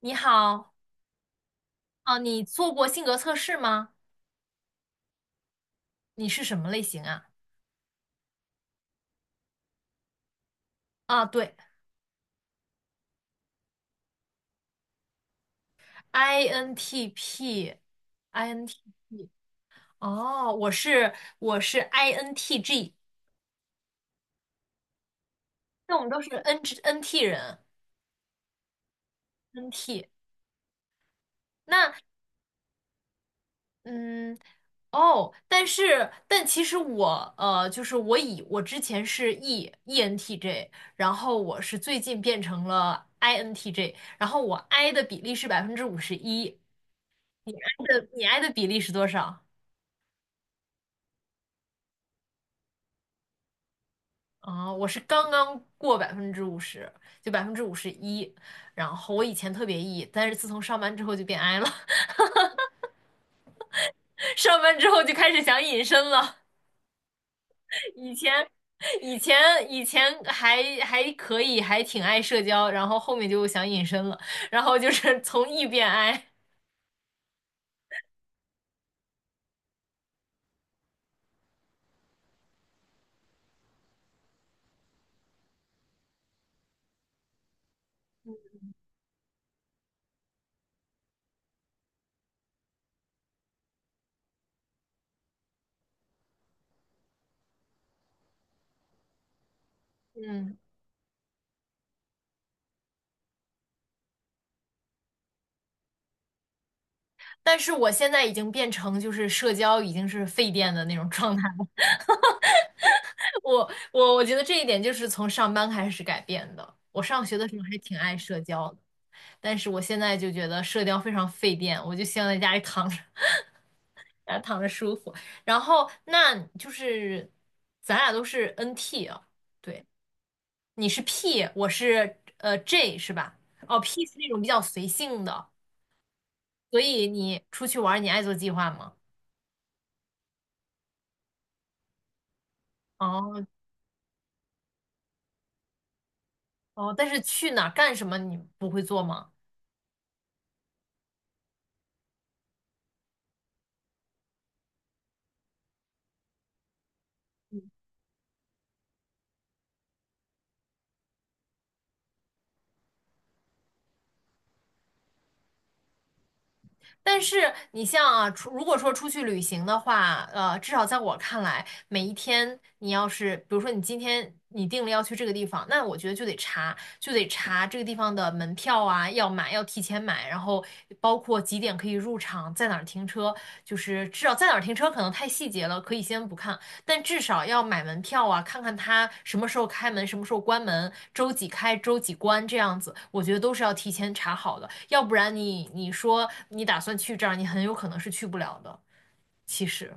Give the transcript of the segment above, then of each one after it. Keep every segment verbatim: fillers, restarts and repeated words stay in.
你好，啊，你做过性格测试吗？你是什么类型啊？啊，对，INTP，INTP，哦，我是我是 INTG，那我们都是 N G NT 人，NT。那嗯，哦，但是但其实我呃，就是我以我之前是 E ENTJ，然后我是最近变成了 I N T J，然后我 I 的比例是百分之五十一，你 I 的你 I 的比例是多少？啊，我是刚刚过百分之五十，就百分之五十一。然后我以前特别 E，但是自从上班之后就变 I 了，上班之后就开始想隐身了。以前，以前，以前还还可以，还挺爱社交，然后后面就想隐身了，然后就是从 E 变 I。嗯，但是我现在已经变成就是社交已经是废电的那种状态。我我我觉得这一点就是从上班开始改变的。我上学的时候还挺爱社交的，但是我现在就觉得社交非常费电，我就希望在家里躺着，然后躺着舒服。然后那就是咱俩都是 N T 啊，对，你是 P，我是呃 J 是吧？哦，P 是那种比较随性的，所以你出去玩儿你爱做计划吗？哦哦，但是去哪儿干什么你不会做吗？但是你像啊，出如果说出去旅行的话，呃，至少在我看来，每一天你要是，比如说你今天你定了要去这个地方，那我觉得就得查，就得查这个地方的门票啊，要买，要提前买，然后包括几点可以入场，在哪儿停车，就是至少在哪儿停车可能太细节了，可以先不看，但至少要买门票啊，看看它什么时候开门，什么时候关门，周几开，周几关这样子，我觉得都是要提前查好的，要不然你你说你打算去这儿，你很有可能是去不了的。其实，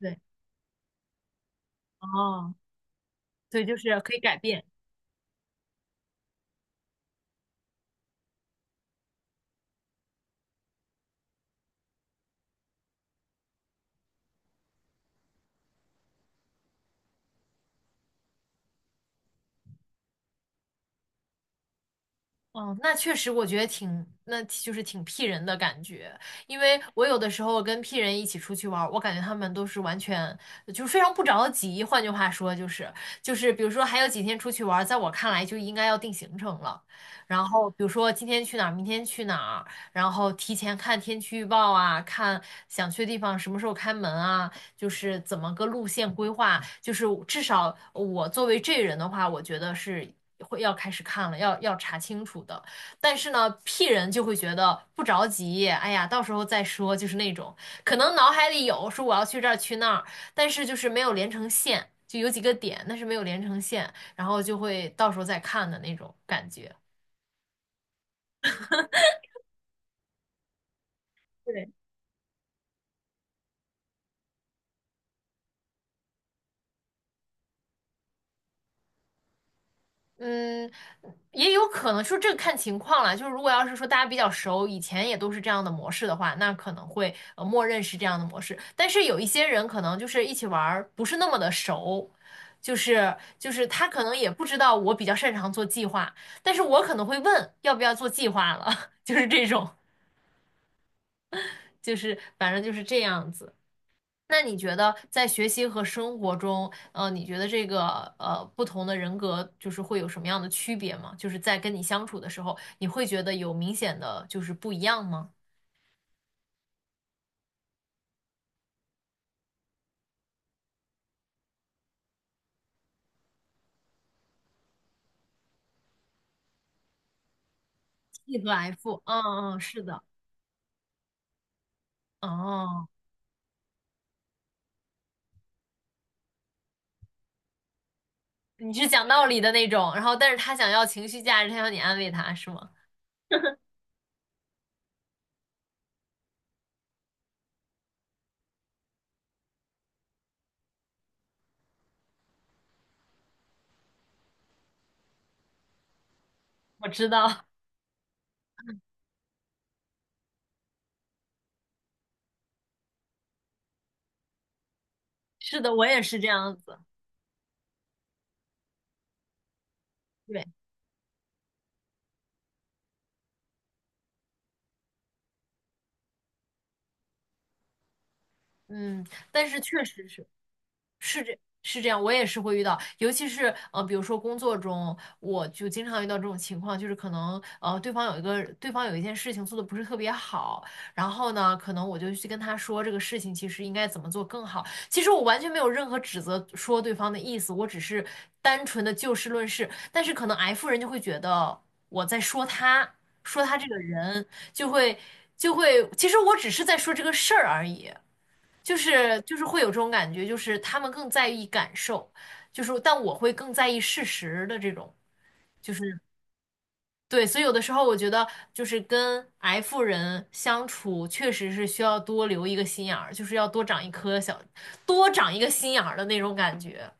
对，哦，对，就是可以改变。哦，那确实，我觉得挺，那就是挺 P 人的感觉，因为我有的时候跟 P 人一起出去玩儿，我感觉他们都是完全就是非常不着急。换句话说，就是就是比如说还有几天出去玩儿，在我看来就应该要定行程了。然后比如说今天去哪儿，明天去哪儿，然后提前看天气预报啊，看想去的地方什么时候开门啊，就是怎么个路线规划，就是至少我作为这人的话，我觉得是会要开始看了，要要查清楚的。但是呢，P 人就会觉得不着急，哎呀，到时候再说，就是那种可能脑海里有说我要去这儿去那儿，但是就是没有连成线，就有几个点，但是没有连成线，然后就会到时候再看的那种感觉。对。嗯，也有可能，说这个看情况了。就是如果要是说大家比较熟，以前也都是这样的模式的话，那可能会呃默认是这样的模式。但是有一些人可能就是一起玩儿不是那么的熟，就是就是他可能也不知道我比较擅长做计划，但是我可能会问要不要做计划了，就是这种，就是反正就是这样子。那你觉得在学习和生活中，呃，你觉得这个呃不同的人格就是会有什么样的区别吗？就是在跟你相处的时候，你会觉得有明显的就是不一样吗？T 和 F，嗯嗯，是的，哦，你是讲道理的那种，然后但是他想要情绪价值，他要你安慰他，是吗？我知道，是的，我也是这样子。对，嗯，但是确实是。是这样，我也是会遇到，尤其是呃，比如说工作中，我就经常遇到这种情况，就是可能呃，对方有一个对方有一件事情做的不是特别好，然后呢，可能我就去跟他说这个事情其实应该怎么做更好。其实我完全没有任何指责说对方的意思，我只是单纯的就事论事。但是可能 F 人就会觉得我在说他，说他这个人，就会就会，其实我只是在说这个事儿而已。就是就是会有这种感觉，就是他们更在意感受，就是但我会更在意事实的这种，就是对，所以有的时候我觉得就是跟 F 人相处，确实是需要多留一个心眼儿，就是要多长一颗小，多长一个心眼儿的那种感觉，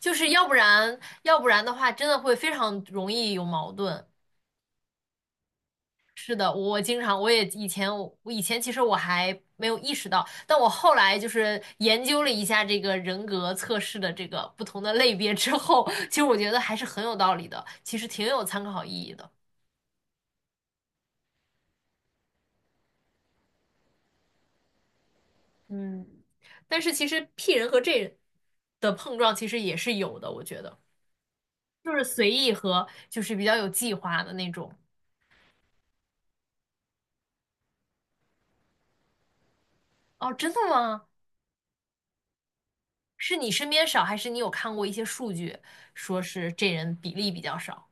就是要不然要不然的话，真的会非常容易有矛盾。是的，我我经常，我也以前我我以前其实我还没有意识到，但我后来就是研究了一下这个人格测试的这个不同的类别之后，其实我觉得还是很有道理的，其实挺有参考意义的。嗯，但是其实 P 人和 J 人的碰撞其实也是有的，我觉得就是随意和就是比较有计划的那种。哦，真的吗？是你身边少，还是你有看过一些数据说是这人比例比较少？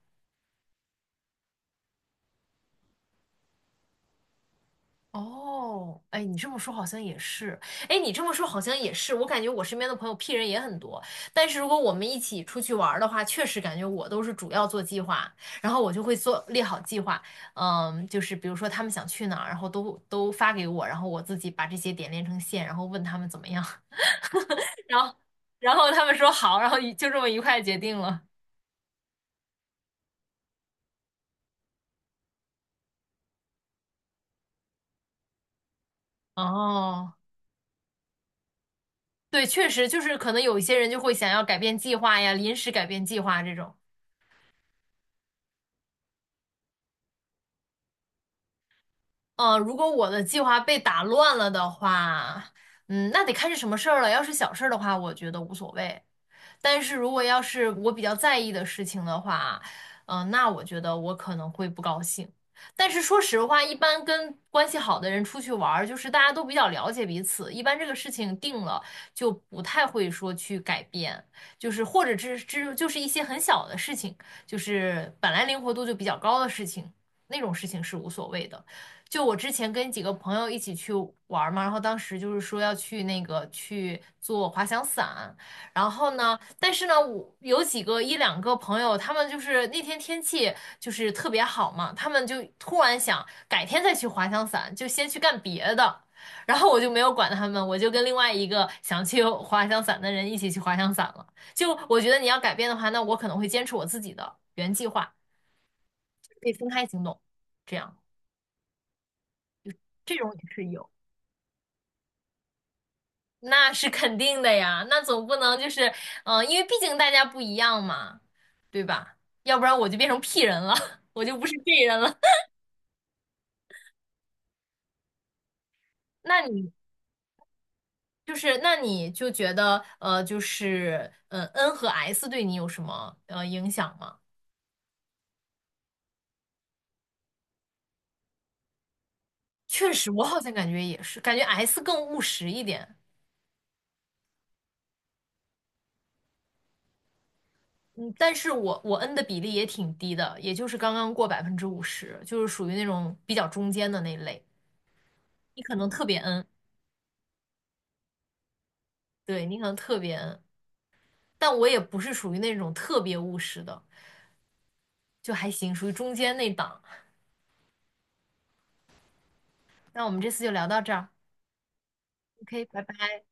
哦，哎，你这么说好像也是，哎，你这么说好像也是，我感觉我身边的朋友 P 人也很多，但是如果我们一起出去玩儿的话，确实感觉我都是主要做计划，然后我就会做列好计划，嗯，就是比如说他们想去哪儿，然后都都发给我，然后我自己把这些点连成线，然后问他们怎么样，然后然后他们说好，然后一就这么愉快地决定了。哦，对，确实就是可能有一些人就会想要改变计划呀，临时改变计划这种。嗯，如果我的计划被打乱了的话，嗯，那得看是什么事儿了。要是小事儿的话，我觉得无所谓。但是如果要是我比较在意的事情的话，嗯、那我觉得我可能会不高兴。但是说实话，一般跟关系好的人出去玩儿，就是大家都比较了解彼此，一般这个事情定了就不太会说去改变，就是或者只只就是一些很小的事情，就是本来灵活度就比较高的事情，那种事情是无所谓的。就我之前跟几个朋友一起去玩儿嘛，然后当时就是说要去那个去做滑翔伞。然后呢，但是呢，我有几个一两个朋友，他们就是那天天气就是特别好嘛，他们就突然想改天再去滑翔伞，就先去干别的。然后我就没有管他们，我就跟另外一个想去滑翔伞的人一起去滑翔伞了。就我觉得你要改变的话，那我可能会坚持我自己的原计划，可以分开行动，这样这种也是有。那是肯定的呀，那总不能就是，嗯、因为毕竟大家不一样嘛，对吧？要不然我就变成 P 人了，我就不是 J 人了。那你就是，那你就觉得，呃，就是，嗯 n 和 S 对你有什么呃影响吗？确实，我好像感觉也是，感觉 S 更务实一点，嗯，但是我我 N 的比例也挺低的，也就是刚刚过百分之五十，就是属于那种比较中间的那类。你可能特别 N，对，你可能特别 N。但我也不是属于那种特别务实的，就还行，属于中间那档。那我们这次就聊到这儿，OK，拜拜。